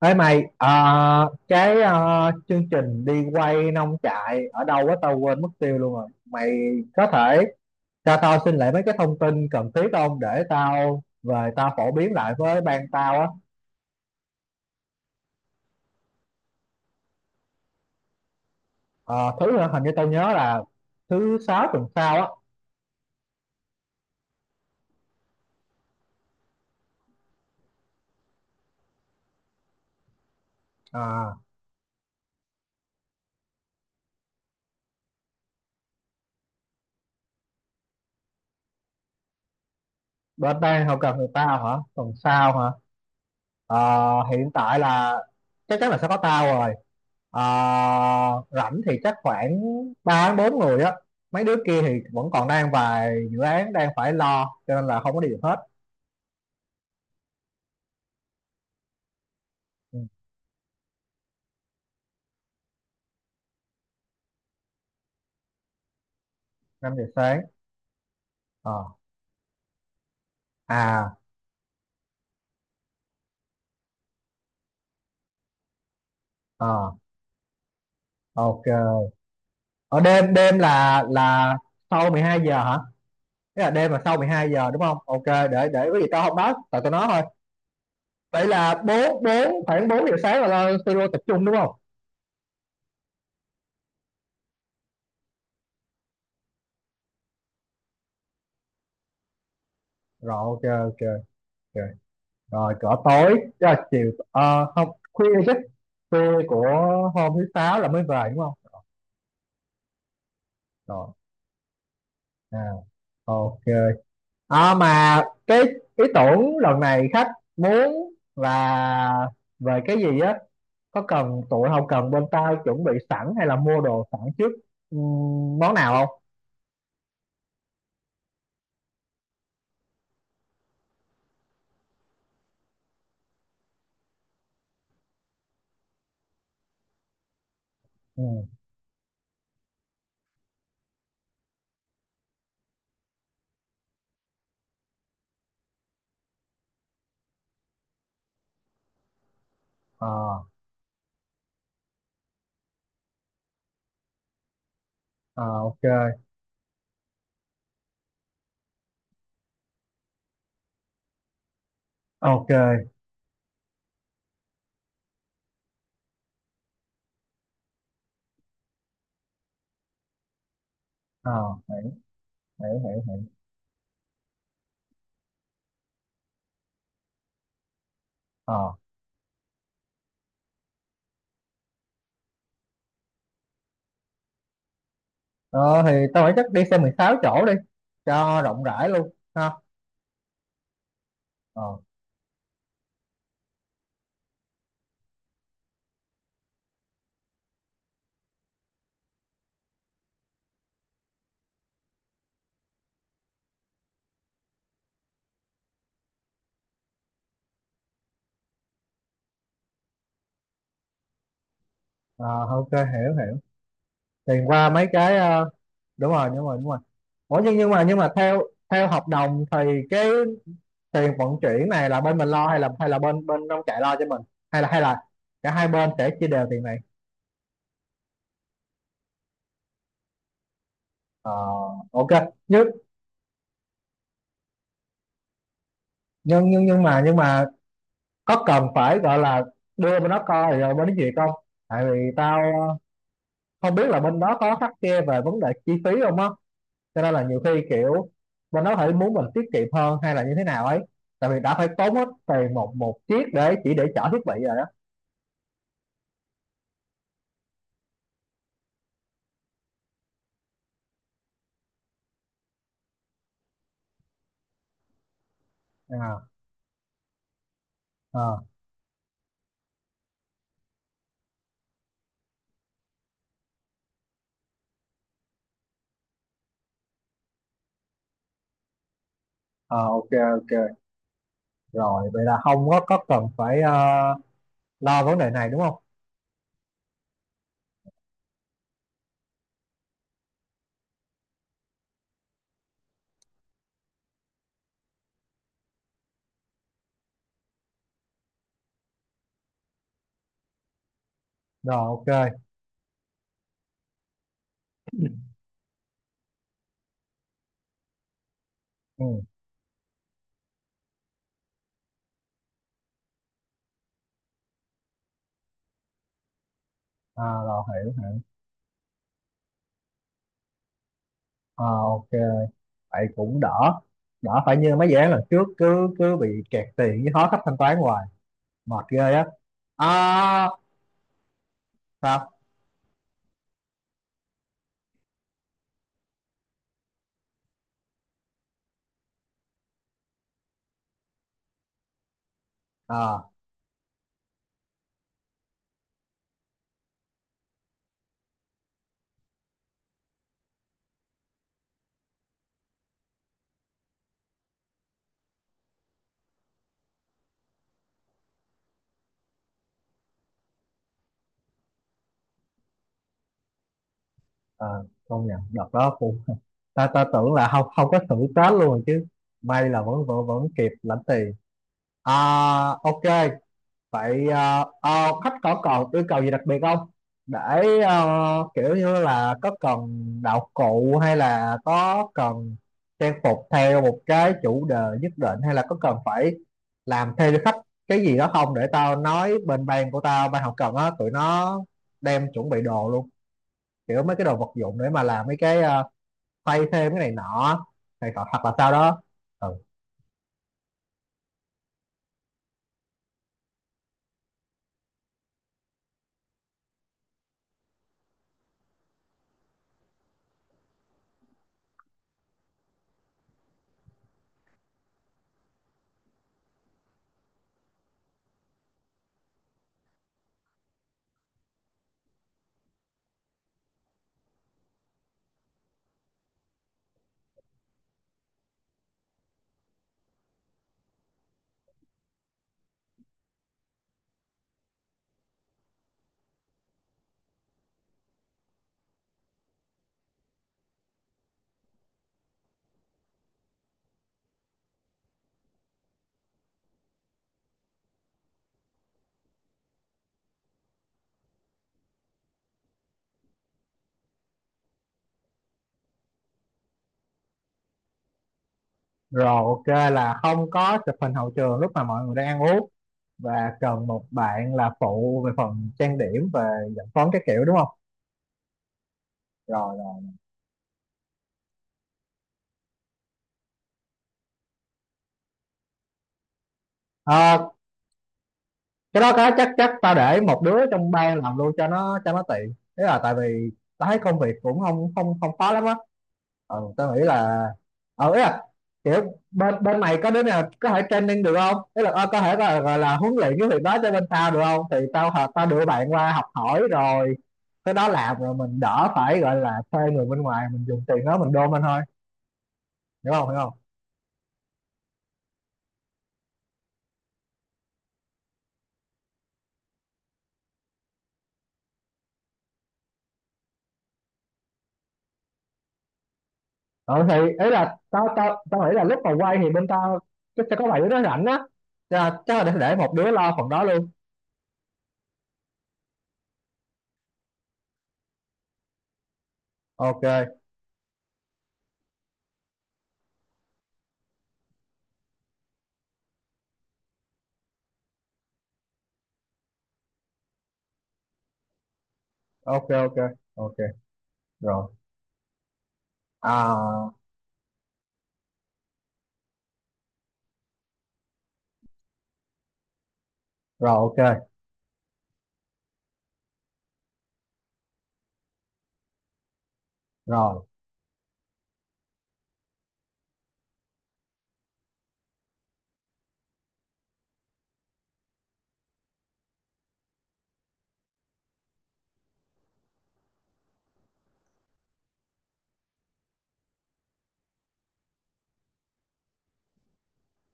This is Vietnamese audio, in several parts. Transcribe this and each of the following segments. Ê mày, cái chương trình đi quay nông trại ở đâu á tao quên mất tiêu luôn rồi. Mày có thể cho tao xin lại mấy cái thông tin cần thiết không để tao về tao phổ biến lại với ban tao á. Ờ, thứ hình như tao nhớ là thứ sáu tuần sau á. À, bên ban hậu cần người tao hả? Tuần sau hả? Ờ, hiện tại là chắc chắn là sẽ có tao rồi. Ờ, rảnh thì chắc khoảng 3 đến 4 người á. Mấy đứa kia thì vẫn còn đang vài dự án đang phải lo cho nên là không có đi được hết. Ừ, 5 giờ sáng. Ờ, à ờ ok. Ở đêm đêm là sau 12 giờ hả? Tức là đêm là sau mười hai giờ đúng không? Ok, để có gì tao không nói, tại tao nói thôi. Vậy là 4 4 khoảng 4 giờ sáng là lo studio tập trung đúng không? Rồi ok ok ok. Rồi cỡ tối tức là chiều à, không khuya chứ, khuya của hôm thứ sáu là mới về đúng không? Rồi, à, ok. À, mà cái ý tưởng lần này khách muốn là về cái gì á, có cần tụi không cần bên tao chuẩn bị sẵn hay là mua đồ sẵn trước món nào không? Ừ. À, à, ok ok. À, hiểu hiểu hiểu. Ờ, ờ, thì tao nghĩ chắc đi xe 16 chỗ đi cho rộng rãi luôn ha. Ờ. Ờ, ok, hiểu hiểu. Thì qua mấy cái đúng rồi đúng rồi. Ủa nhưng nhưng mà theo, theo hợp đồng thì cái tiền vận chuyển này là bên mình lo hay là bên bên nông trại lo cho mình, hay là cả hai bên sẽ chia đều tiền này? Ờ, ok. Nhưng nhưng mà có cần phải gọi là đưa bên đó coi rồi bên đó duyệt không? Tại vì tao không biết là bên đó có khắt khe về vấn đề chi phí không á, cho nên là nhiều khi kiểu bên đó phải muốn mình tiết kiệm hơn hay là như thế nào ấy, tại vì đã phải tốn hết tiền một một chiếc để chỉ để chở thiết bị rồi đó. À, à, à, ok ok. Rồi vậy là không có, có cần phải lo vấn đề này đúng không? Rồi ok. Ừ. À, rồi hiểu hiểu. À, ok, vậy cũng đỡ, đỡ phải như mấy dự án lần trước cứ cứ bị kẹt tiền với khó khách thanh toán hoài, mệt ghê á. À, sao. À, ờ, công nhận đợt đó cũng ta ta tưởng là không, không có thử Tết luôn chứ, may là vẫn vẫn vẫn kịp lãnh tiền. À, ok. Vậy à, à, khách có còn yêu cầu gì đặc biệt không để, à, kiểu như là có cần đạo cụ, hay là có cần trang phục theo một cái chủ đề nhất định, hay là có cần phải làm theo cho khách cái gì đó không để tao nói bên ban của tao, ban hậu cần á, tụi nó đem chuẩn bị đồ luôn, kiểu mấy cái đồ vật dụng để mà làm mấy cái xoay thêm cái này nọ, này cọ hoặc là sau đó. Ừ. Rồi ok, là không có chụp hình hậu trường lúc mà mọi người đang ăn uống, và cần một bạn là phụ về phần trang điểm, về dẫn phấn các kiểu đúng không? Rồi rồi. Ờ, cái đó cái chắc, chắc tao để một đứa trong ban làm luôn cho nó, cho nó tiện thế, là tại vì tao thấy công việc cũng không không không khó lắm á. Ừ, tao nghĩ là, ý là kiểu bên bên mày có đứa nào có thể training được không, ý là có thể là gọi là huấn luyện cái việc đó cho bên tao được không, thì tao hợp tao đưa bạn qua học hỏi rồi cái đó làm, rồi mình đỡ phải gọi là thuê người bên ngoài, mình dùng tiền đó mình đôn lên thôi, hiểu không hiểu không? Ừ thì ý là tao tao tao nghĩ là lúc mà quay thì bên tao chắc sẽ có bảy đứa nó rảnh á. Cho nên chắc là để một đứa lo phần đó luôn. Ok ok ok ok. Rồi, à, rồi ok, rồi,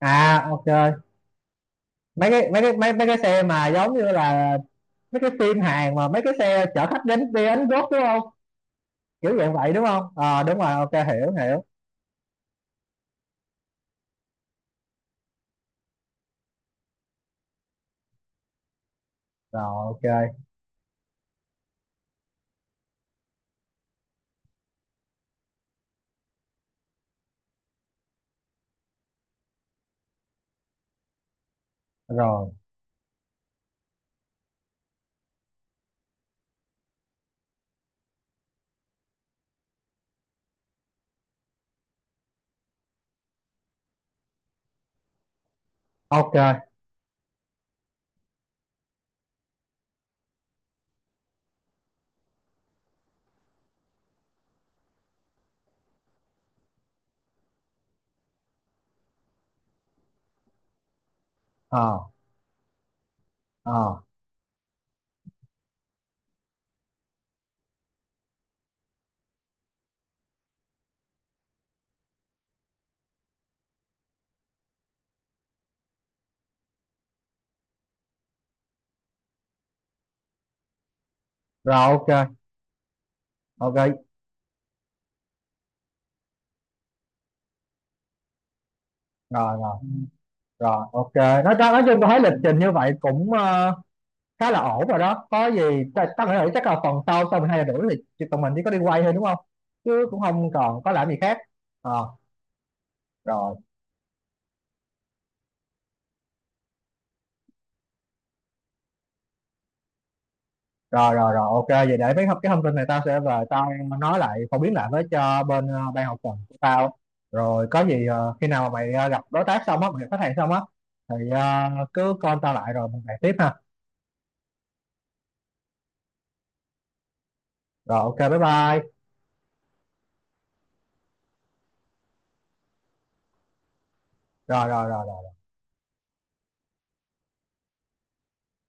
à ok. Mấy cái mấy cái mấy mấy cái xe mà giống như là mấy cái phim Hàn, mà mấy cái xe chở khách đến đi Ánh Gốc đúng không, kiểu dạng vậy đúng không, ờ đúng rồi, ok, hiểu hiểu. Rồi ok. Rồi ok. Ờ, ờ. Rồi ok ok. Rồi rồi rồi ok, nói chung tôi thấy lịch trình như vậy cũng khá là ổn rồi đó. Có gì tao nghĩ là chắc là phần sau, sau mình hai giờ rưỡi thì tụi mình chỉ có đi quay thôi đúng không, chứ cũng không còn có làm gì khác. Ờ. rồi rồi rồi rồi ok, vậy để mấy cái thông tin này tao sẽ về tao nói lại, phổ biến lại với cho bên ban hậu cần của tao. Rồi có gì khi nào mà mày gặp đối tác xong á, mày gặp khách hàng xong á thì cứ call tao lại rồi mình bàn tiếp ha. Rồi ok, bye bye. Rồi rồi rồi